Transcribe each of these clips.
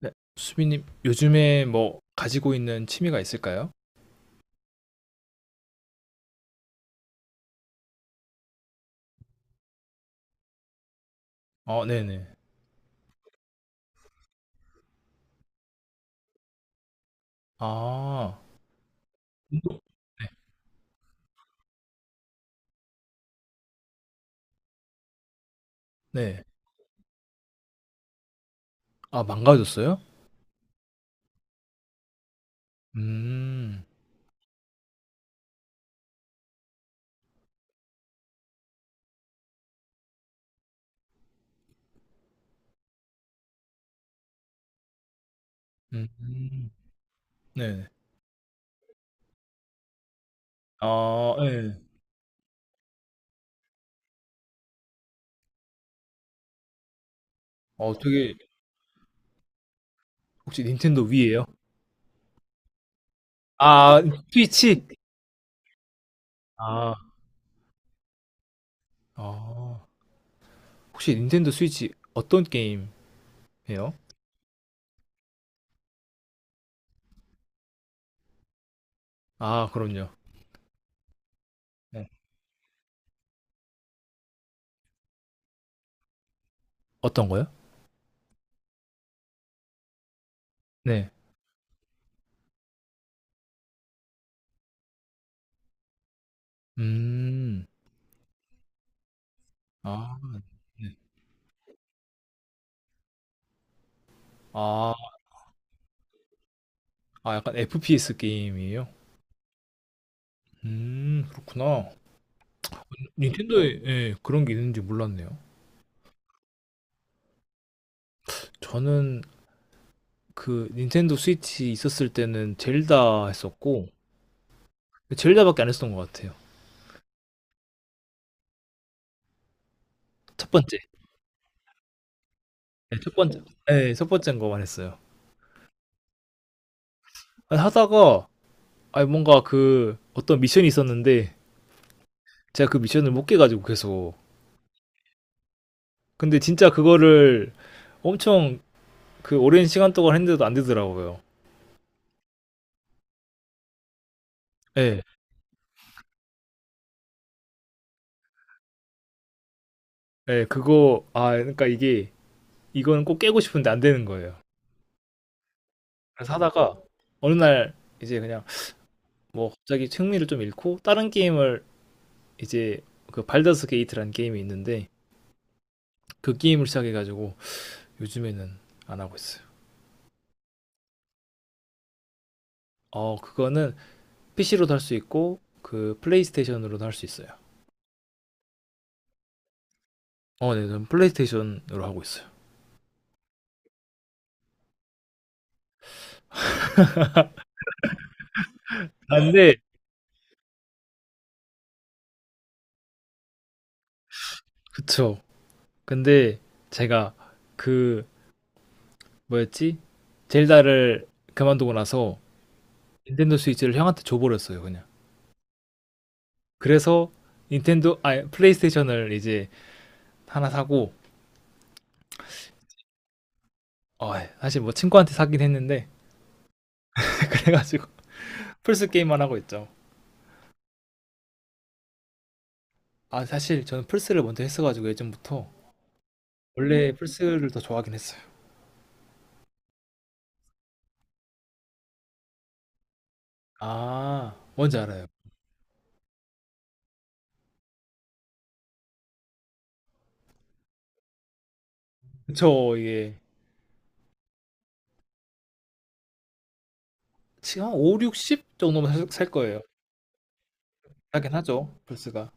네. 수빈님, 요즘에 뭐 가지고 있는 취미가 있을까요? 어, 네네. 아, 운동? 네. 아, 망가졌어요? 음. 음, 네. 아, 네. 어, 되게, 혹시 닌텐도 위에요? 아, 스위치? 아, 아. 혹시 닌텐도 스위치 어떤 게임 해요? 아, 그럼요. 네. 어떤 거요? 네. 음, 아, 네. 아, 아, 약간 FPS 게임이에요? 그렇구나. 닌텐도에 예, 그런 게 있는지 몰랐네요. 저는 그 닌텐도 스위치 있었을 때는 젤다 했었고 젤다밖에 안 했었던 것 같아요. 첫 번째, 네, 첫 번째, 네, 첫 번째인 거만 했어요. 아니, 하다가 아니 뭔가 그 어떤 미션이 있었는데 제가 그 미션을 못 깨가지고 계속, 근데 진짜 그거를 엄청 그 오랜 시간 동안 했는데도 안 되더라고요. 예, 예, 그거 아 그러니까 이게 이거는 꼭 깨고 싶은데 안 되는 거예요. 그래서 하다가 어느 날 이제 그냥 뭐 갑자기 흥미를 좀 잃고 다른 게임을, 이제 그 발더스 게이트라는 게임이 있는데 그 게임을 시작해가지고 요즘에는 안 하고 있어요. 어 그거는 PC로도 할 수 있고 그 플레이스테이션으로도 할 수 있어요. 어, 네, 저는 플레이스테이션으로 하고 있어요. 아, 근데, 그쵸. 근데 제가 그 뭐였지? 젤다를 그만두고 나서 닌텐도 스위치를 형한테 줘버렸어요, 그냥. 그래서 닌텐도, 아니, 플레이스테이션을 이제 하나 사고 어, 예. 사실 뭐 친구한테 사긴 했는데 그래가지고 플스 게임만 하고 있죠. 아 사실 저는 플스를 먼저 했어가지고 예전부터 원래 플스를 더 좋아하긴 했어요. 아 뭔지 알아요. 저 이게 지금 한 5, 60 정도면 살 거예요. 하긴 하죠 플스가.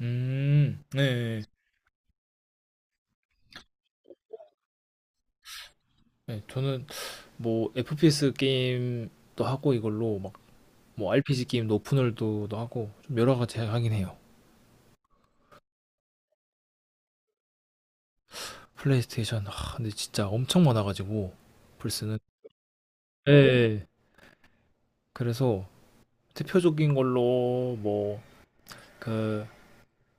네, 네. 네, 저는 뭐 FPS 게임도 하고 이걸로 막 뭐 RPG 게임도 오픈월드도 하고 좀 여러 가지 하긴 해요. 플레이스테이션 아 근데 진짜 엄청 많아가지고 플스는. 네. 그래서 대표적인 걸로 뭐 그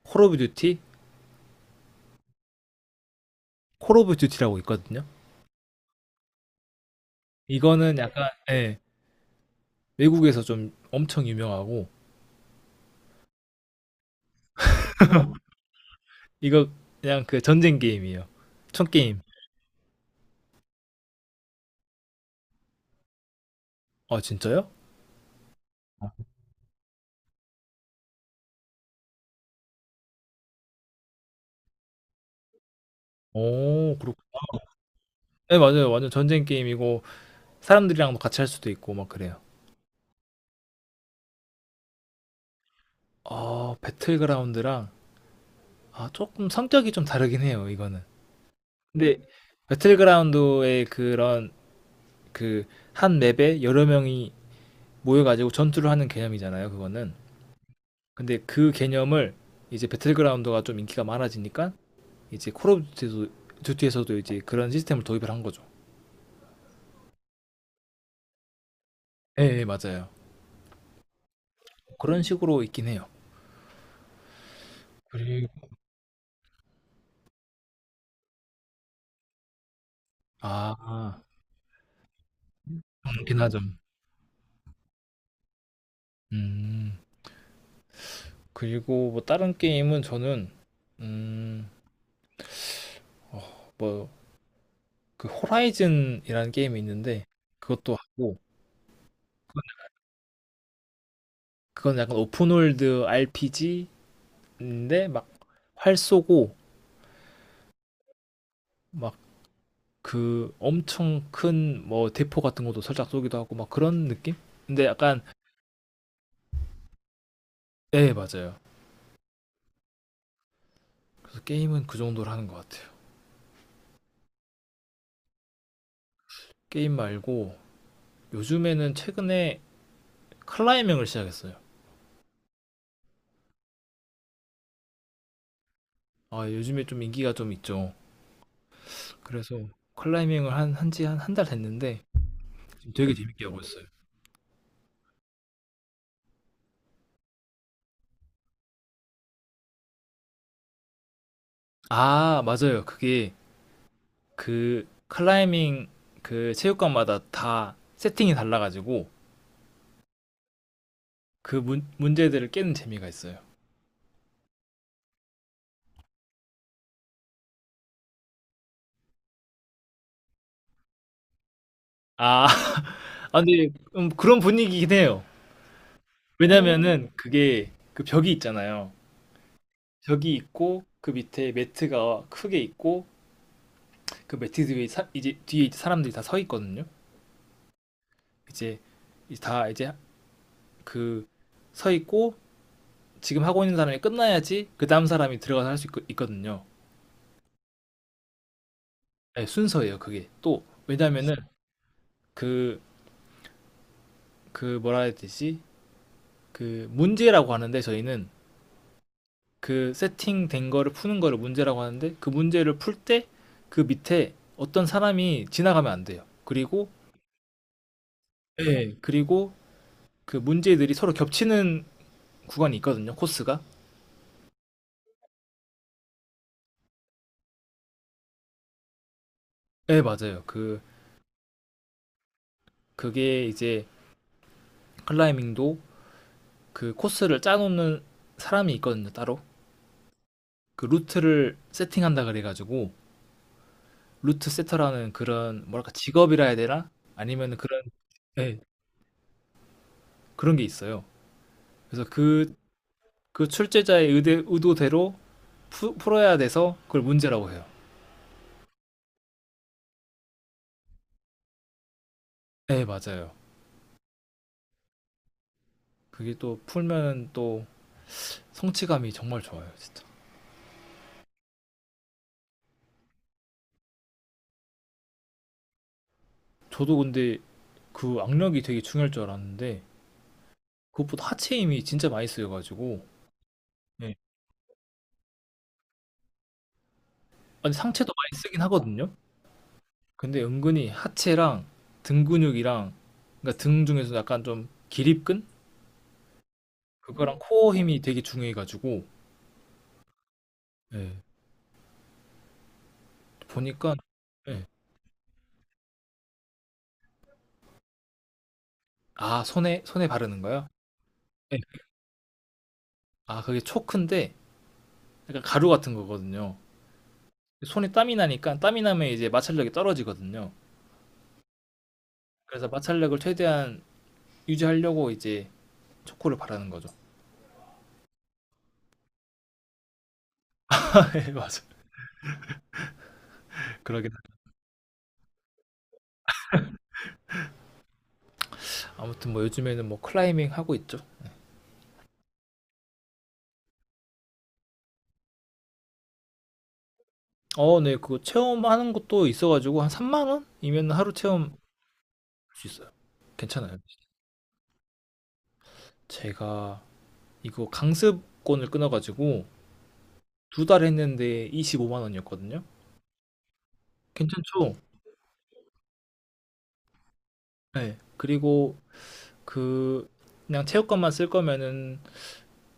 콜 오브 듀티? 콜 오브 듀티라고 있거든요. 이거는 약간 예, 외국에서 좀 엄청 유명하고 이거 그냥 그 전쟁 게임이에요. 총 게임. 아 진짜요? 오, 그렇 네 맞아요. 완전 전쟁 게임이고 사람들이랑도 같이 할 수도 있고 막 그래요. 아 배틀그라운드랑 아 조금 성격이 좀 다르긴 해요 이거는. 근데 배틀그라운드의 그런 그 한 맵에 여러 명이 모여가지고 전투를 하는 개념이잖아요 그거는. 근데 그 개념을 이제 배틀그라운드가 좀 인기가 많아지니까 이제 콜 오브 듀티에서도 이제 그런 시스템을 도입을 한 거죠. 예, 예, 맞아요. 그런 식으로 있긴 해요. 그리고 아, 그렇긴 하죠. 음. 그리고 뭐 다른 게임은 저는 음, 뭐 그 호라이즌이라는 게임이 있는데 그것도 하고 그건 약간 오픈월드 RPG인데 막 활 쏘고 막 그 엄청 큰 뭐 대포 같은 것도 살짝 쏘기도 하고 막 그런 느낌? 근데 약간 네 맞아요. 그래서 게임은 그 정도로 하는 것 같아요. 게임 말고 요즘에는 최근에 클라이밍을 시작했어요. 아 요즘에 좀 인기가 좀 있죠. 그래서 클라이밍을 한 한지 한 한 달 됐는데 지금 되게 재밌게 하고 있어요. 아 맞아요. 그게 그 클라이밍 그 체육관마다 다 세팅이 달라가지고 그 문제들을 깨는 재미가 있어요. 아, 아 근데 그런 분위기긴 해요. 왜냐면은 그게 그 벽이 있잖아요. 벽이 있고 그 밑에 매트가 크게 있고 그 매트 뒤에 이제 뒤에 이제 사람들이 다 서 있거든요. 이제 이제 다 이제 그 서 있고 지금 하고 있는 사람이 끝나야지 그 다음 사람이 들어가서 할 수 있거든요. 네, 순서예요, 그게. 또 왜냐면은 그 그 뭐라 해야 되지? 그 문제라고 하는데 저희는 그 세팅된 거를 푸는 거를 문제라고 하는데 그 문제를 풀 때 그 밑에 어떤 사람이 지나가면 안 돼요. 그리고 예, 그리고 그 문제들이 서로 겹치는 구간이 있거든요, 코스가. 예, 맞아요. 그게 이제 클라이밍도 그 코스를 짜놓는 사람이 있거든요, 따로. 그 루트를 세팅한다 그래가지고, 루트 세터라는 그런, 뭐랄까, 직업이라 해야 되나? 아니면 그런, 예, 그런 게 있어요. 그래서 그, 그 출제자의 의도대로 풀어야 돼서 그걸 문제라고 해요. 예, 맞아요. 그게 또 풀면 또 성취감이 정말 좋아요, 진짜. 저도 근데 그 악력이 되게 중요할 줄 알았는데 그것보다 하체 힘이 진짜 많이 쓰여가지고. 네. 아니 상체도 많이 쓰긴 하거든요. 근데 은근히 하체랑 등 근육이랑 그러니까 등 중에서 약간 좀 기립근 그거랑 코어 힘이 되게 중요해가지고. 예, 보니까 예. 아 손에 바르는 거야? 예. 아 그게 초크인데 약간 가루 같은 거거든요. 손에 땀이 나니까 땀이 나면 이제 마찰력이 떨어지거든요. 그래서 마찰력을 최대한 유지하려고 이제 초코를 바르는 거죠. 예, 맞아. 그러긴 아무튼 뭐 요즘에는 뭐 클라이밍 하고 있죠. 어, 네, 그거 체험하는 것도 있어가지고 한 3만 원이면 하루 체험 할 수 있어요. 괜찮아요. 제가 이거 강습권을 끊어가지고 두 달 했는데 25만 원이었거든요. 괜찮죠? 네. 그리고 그 그냥 체육관만 쓸 거면은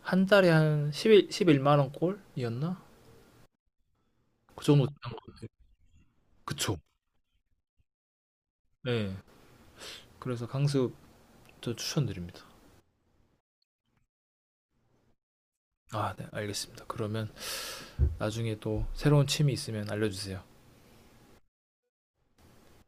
한 달에 한 11만 원 꼴이었나? 그 정도. 그쵸. 네. 그래서 강습 저 추천드립니다. 아, 네, 알겠습니다. 그러면 나중에 또 새로운 취미 있으면 알려주세요.